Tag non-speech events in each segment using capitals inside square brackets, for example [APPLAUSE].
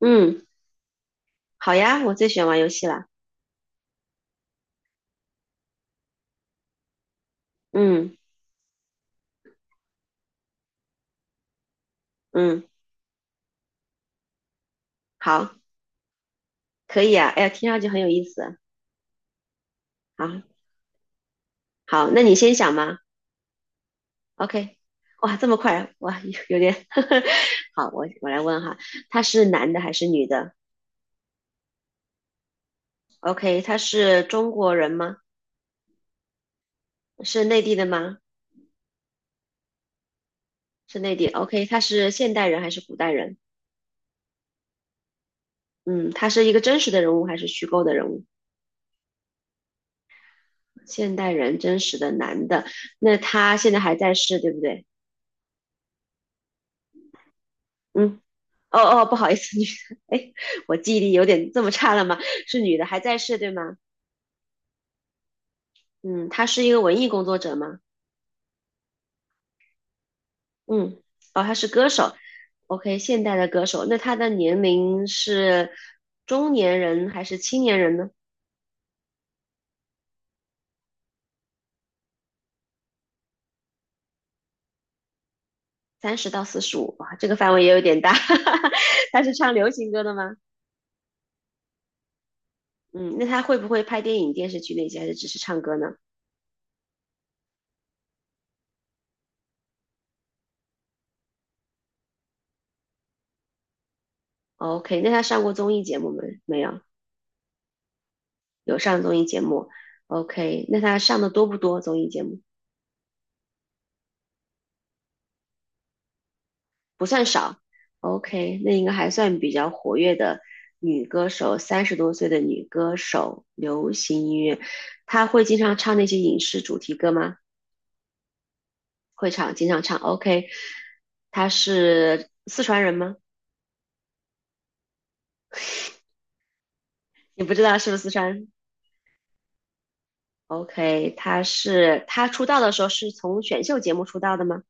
嗯，好呀，我最喜欢玩游戏了。嗯，嗯，好，可以啊。哎呀，听上去很有意思啊。好，好，那你先想嘛。OK,哇，这么快，哇，有点。[LAUGHS] 好，我来问哈，他是男的还是女的？OK,他是中国人吗？是内地的吗？是内地。OK,他是现代人还是古代人？嗯，他是一个真实的人物还是虚构的人物？现代人，真实的男的。那他现在还在世，对不对？嗯。哦，哦，不好意思，女的，[LAUGHS] 哎，我记忆力有点这么差了吗？是女的，还在世，对吗？嗯，她是一个文艺工作者吗？嗯，哦，她是歌手，OK,现代的歌手，那她的年龄是中年人还是青年人呢？30到45，哇，这个范围也有点大。[LAUGHS] 她是唱流行歌的吗？嗯，那她会不会拍电影、电视剧那些，还是只是唱歌呢？OK,那她上过综艺节目没？没有，有上综艺节目。OK,那她上的多不多综艺节目？不算少。OK,那应该还算比较活跃的女歌手，三十多岁的女歌手，流行音乐，她会经常唱那些影视主题歌吗？会唱，经常唱。OK,她是四川人吗？你不知道是不是四川？OK,她出道的时候是从选秀节目出道的吗？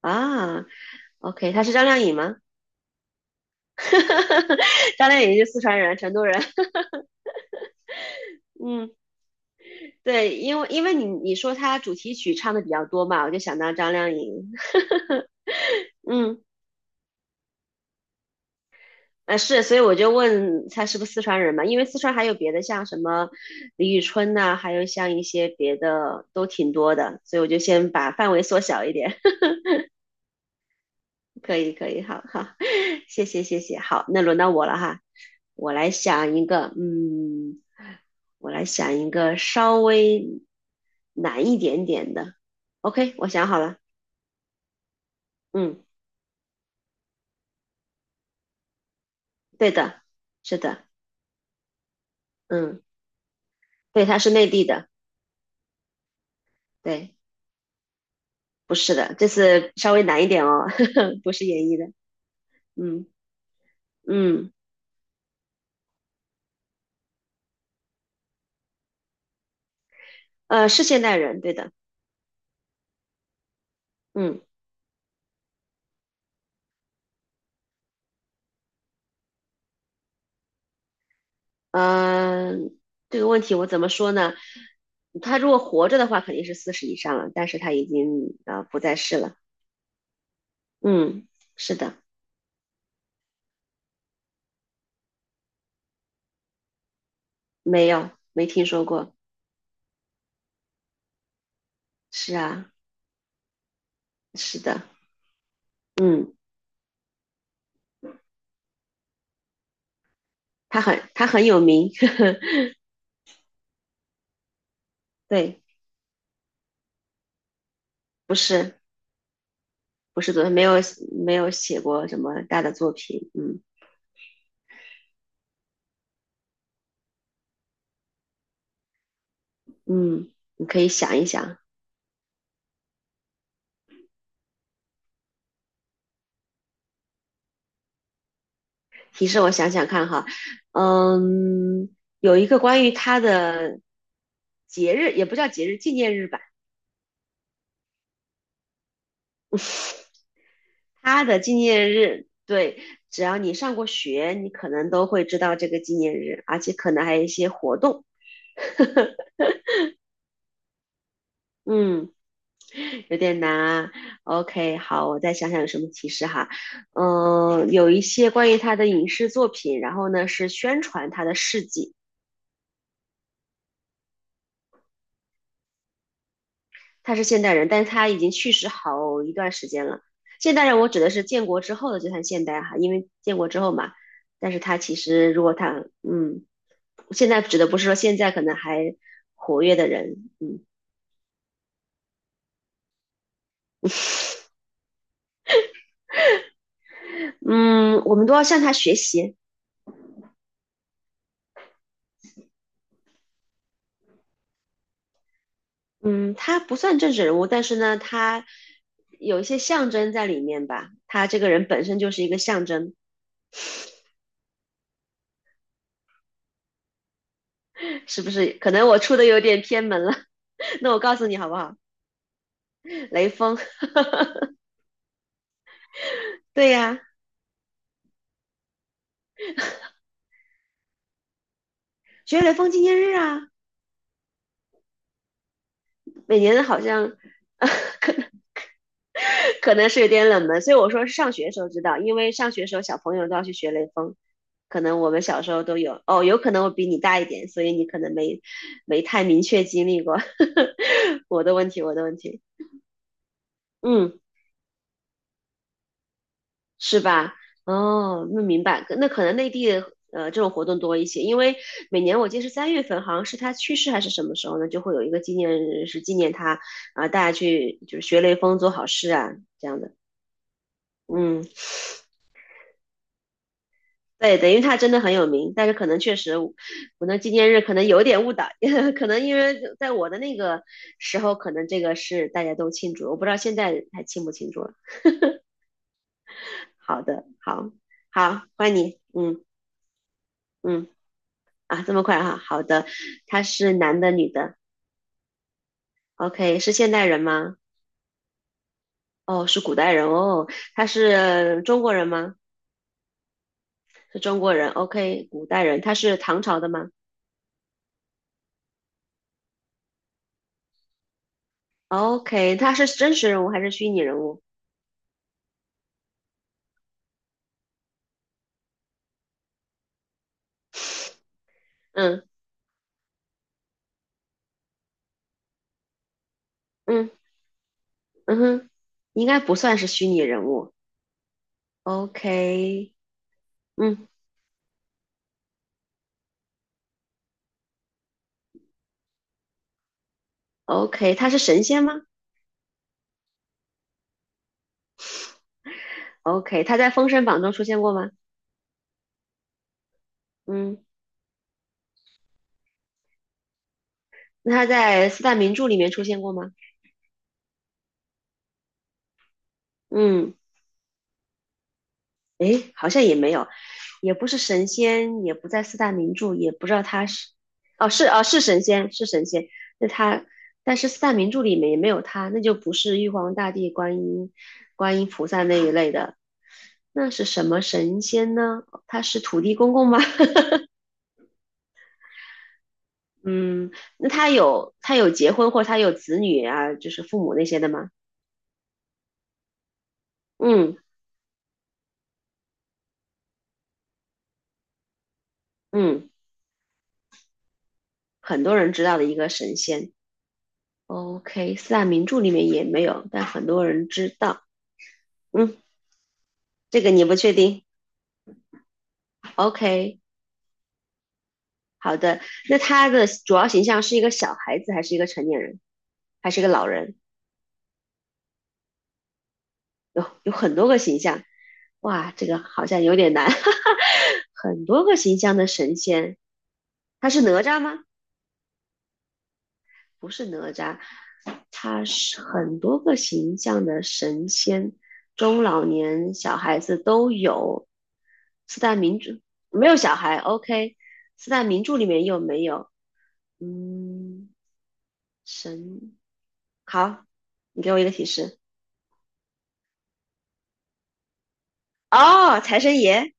啊，OK,她是张靓颖吗？[LAUGHS] 张靓颖是四川人，成都人。[LAUGHS] 嗯。对，因为你说他主题曲唱的比较多嘛，我就想到张靓颖。[LAUGHS] 嗯，呃是，所以我就问他是不是四川人嘛，因为四川还有别的，像什么李宇春呐、还有像一些别的都挺多的，所以我就先把范围缩小一点。[LAUGHS] 可以，可以，好，好，[LAUGHS] 谢谢，谢谢。好，那轮到我了哈，我来想一个，嗯，我来想一个稍微难一点点的。OK,我想好了，嗯，对的，是的，嗯，对，他是内地的，对，不是的，这次稍微难一点哦，[LAUGHS] 不是演绎的，嗯，嗯，是现代人，对的，嗯呃，这个问题我怎么说呢？他如果活着的话，肯定是四十以上了，但是他已经不在世了，嗯，是的，没有，没听说过，是啊，是的，嗯，他很有名，[LAUGHS] 对，不是。不是昨天没有没有写过什么大的作品，嗯，嗯，你可以想一想，提示我想想看哈，嗯，有一个关于他的节日，也不叫节日，纪念日吧，[LAUGHS] 他的纪念日，对，只要你上过学，你可能都会知道这个纪念日，而且可能还有一些活动，嗯。有点难啊。OK,好，我再想想有什么提示哈。嗯，有一些关于他的影视作品，然后呢是宣传他的事迹。他是现代人，但是他已经去世好一段时间了。现代人，我指的是建国之后的就算现代哈，因为建国之后嘛。但是他其实如果他嗯，现在指的不是说现在可能还活跃的人，嗯，嗯，我们都要向他学习。嗯，他不算政治人物，但是呢，他有一些象征在里面吧。他这个人本身就是一个象征，是不是？可能我出的有点偏门了，[LAUGHS] 那我告诉你好不好？雷锋，对呀，学雷锋纪念日啊，每年好像 [LAUGHS] 可能是有点冷门，所以我说是上学时候知道，因为上学时候小朋友都要去学雷锋，可能我们小时候都有。哦，有可能我比你大一点，所以你可能没太明确经历过。[LAUGHS] 我的问题，我的问题，嗯。是吧？哦，那明白，那可能内地这种活动多一些，因为每年我记得是3月份，好像是他去世还是什么时候呢，就会有一个纪念日是纪念他啊、大家去就是学雷锋做好事啊这样的。嗯，对等于他真的很有名，但是可能确实我那纪念日可能有点误导，[LAUGHS] 可能因为在我的那个时候，可能这个是大家都庆祝，我不知道现在还庆不庆祝了。好的，好，好，欢迎你，嗯，嗯。啊，这么快哈、好的，他是男的女的？OK,是现代人吗？哦，是古代人哦。他是中国人吗？是中国人。OK,古代人。他是唐朝的吗？OK,他是真实人物还是虚拟人物？嗯，嗯，嗯哼，应该不算是虚拟人物。OK,嗯，OK,他是神仙吗？OK,他在《封神榜》中出现过吗？嗯，那他在四大名著里面出现过吗？嗯，诶，好像也没有，也不是神仙，也不在四大名著，也不知道他是，哦，是哦，是神仙，是神仙，那他，但是四大名著里面也没有他，那就不是玉皇大帝、观音、观音菩萨那一类的，那是什么神仙呢？他是土地公公吗？[LAUGHS] 嗯，那他有结婚或他有子女啊，就是父母那些的吗？嗯，嗯，很多人知道的一个神仙。OK,四大名著里面也没有，但很多人知道。嗯，这个你不确定。OK,好的。那他的主要形象是一个小孩子，还是一个成年人，还是一个老人？有很多个形象。哇，这个好像有点难。[LAUGHS] 很多个形象的神仙，他是哪吒吗？不是哪吒，他是很多个形象的神仙，中老年小孩子都有。四大名著没有小孩，OK。四大名著里面有没有？嗯，神，好，你给我一个提示。哦，财神爷。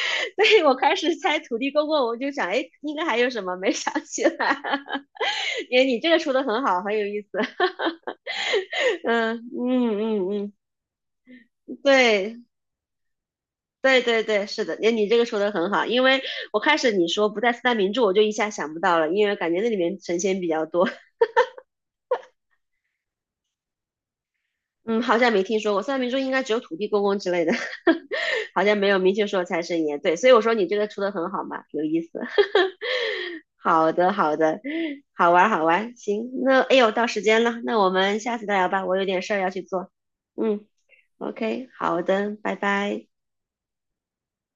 [LAUGHS] 对，我开始猜土地公公，我就想，哎，应该还有什么没想起来。[LAUGHS] 你这个出的很好，很有意思。[LAUGHS] 嗯，嗯，嗯，嗯，对，对，对，对，是的，你这个说的很好，因为我开始你说不在四大名著，我就一下想不到了，因为感觉那里面神仙比较多。[LAUGHS] 嗯，好像没听说过四大名著，应该只有土地公公之类的，[LAUGHS] 好像没有明确说财神爷。对，所以我说你这个出的很好嘛，有意思。好的，好的，好玩，好玩，行，那哎呦，到时间了，那我们下次再聊吧，我有点事儿要去做。嗯，OK,好的，拜拜。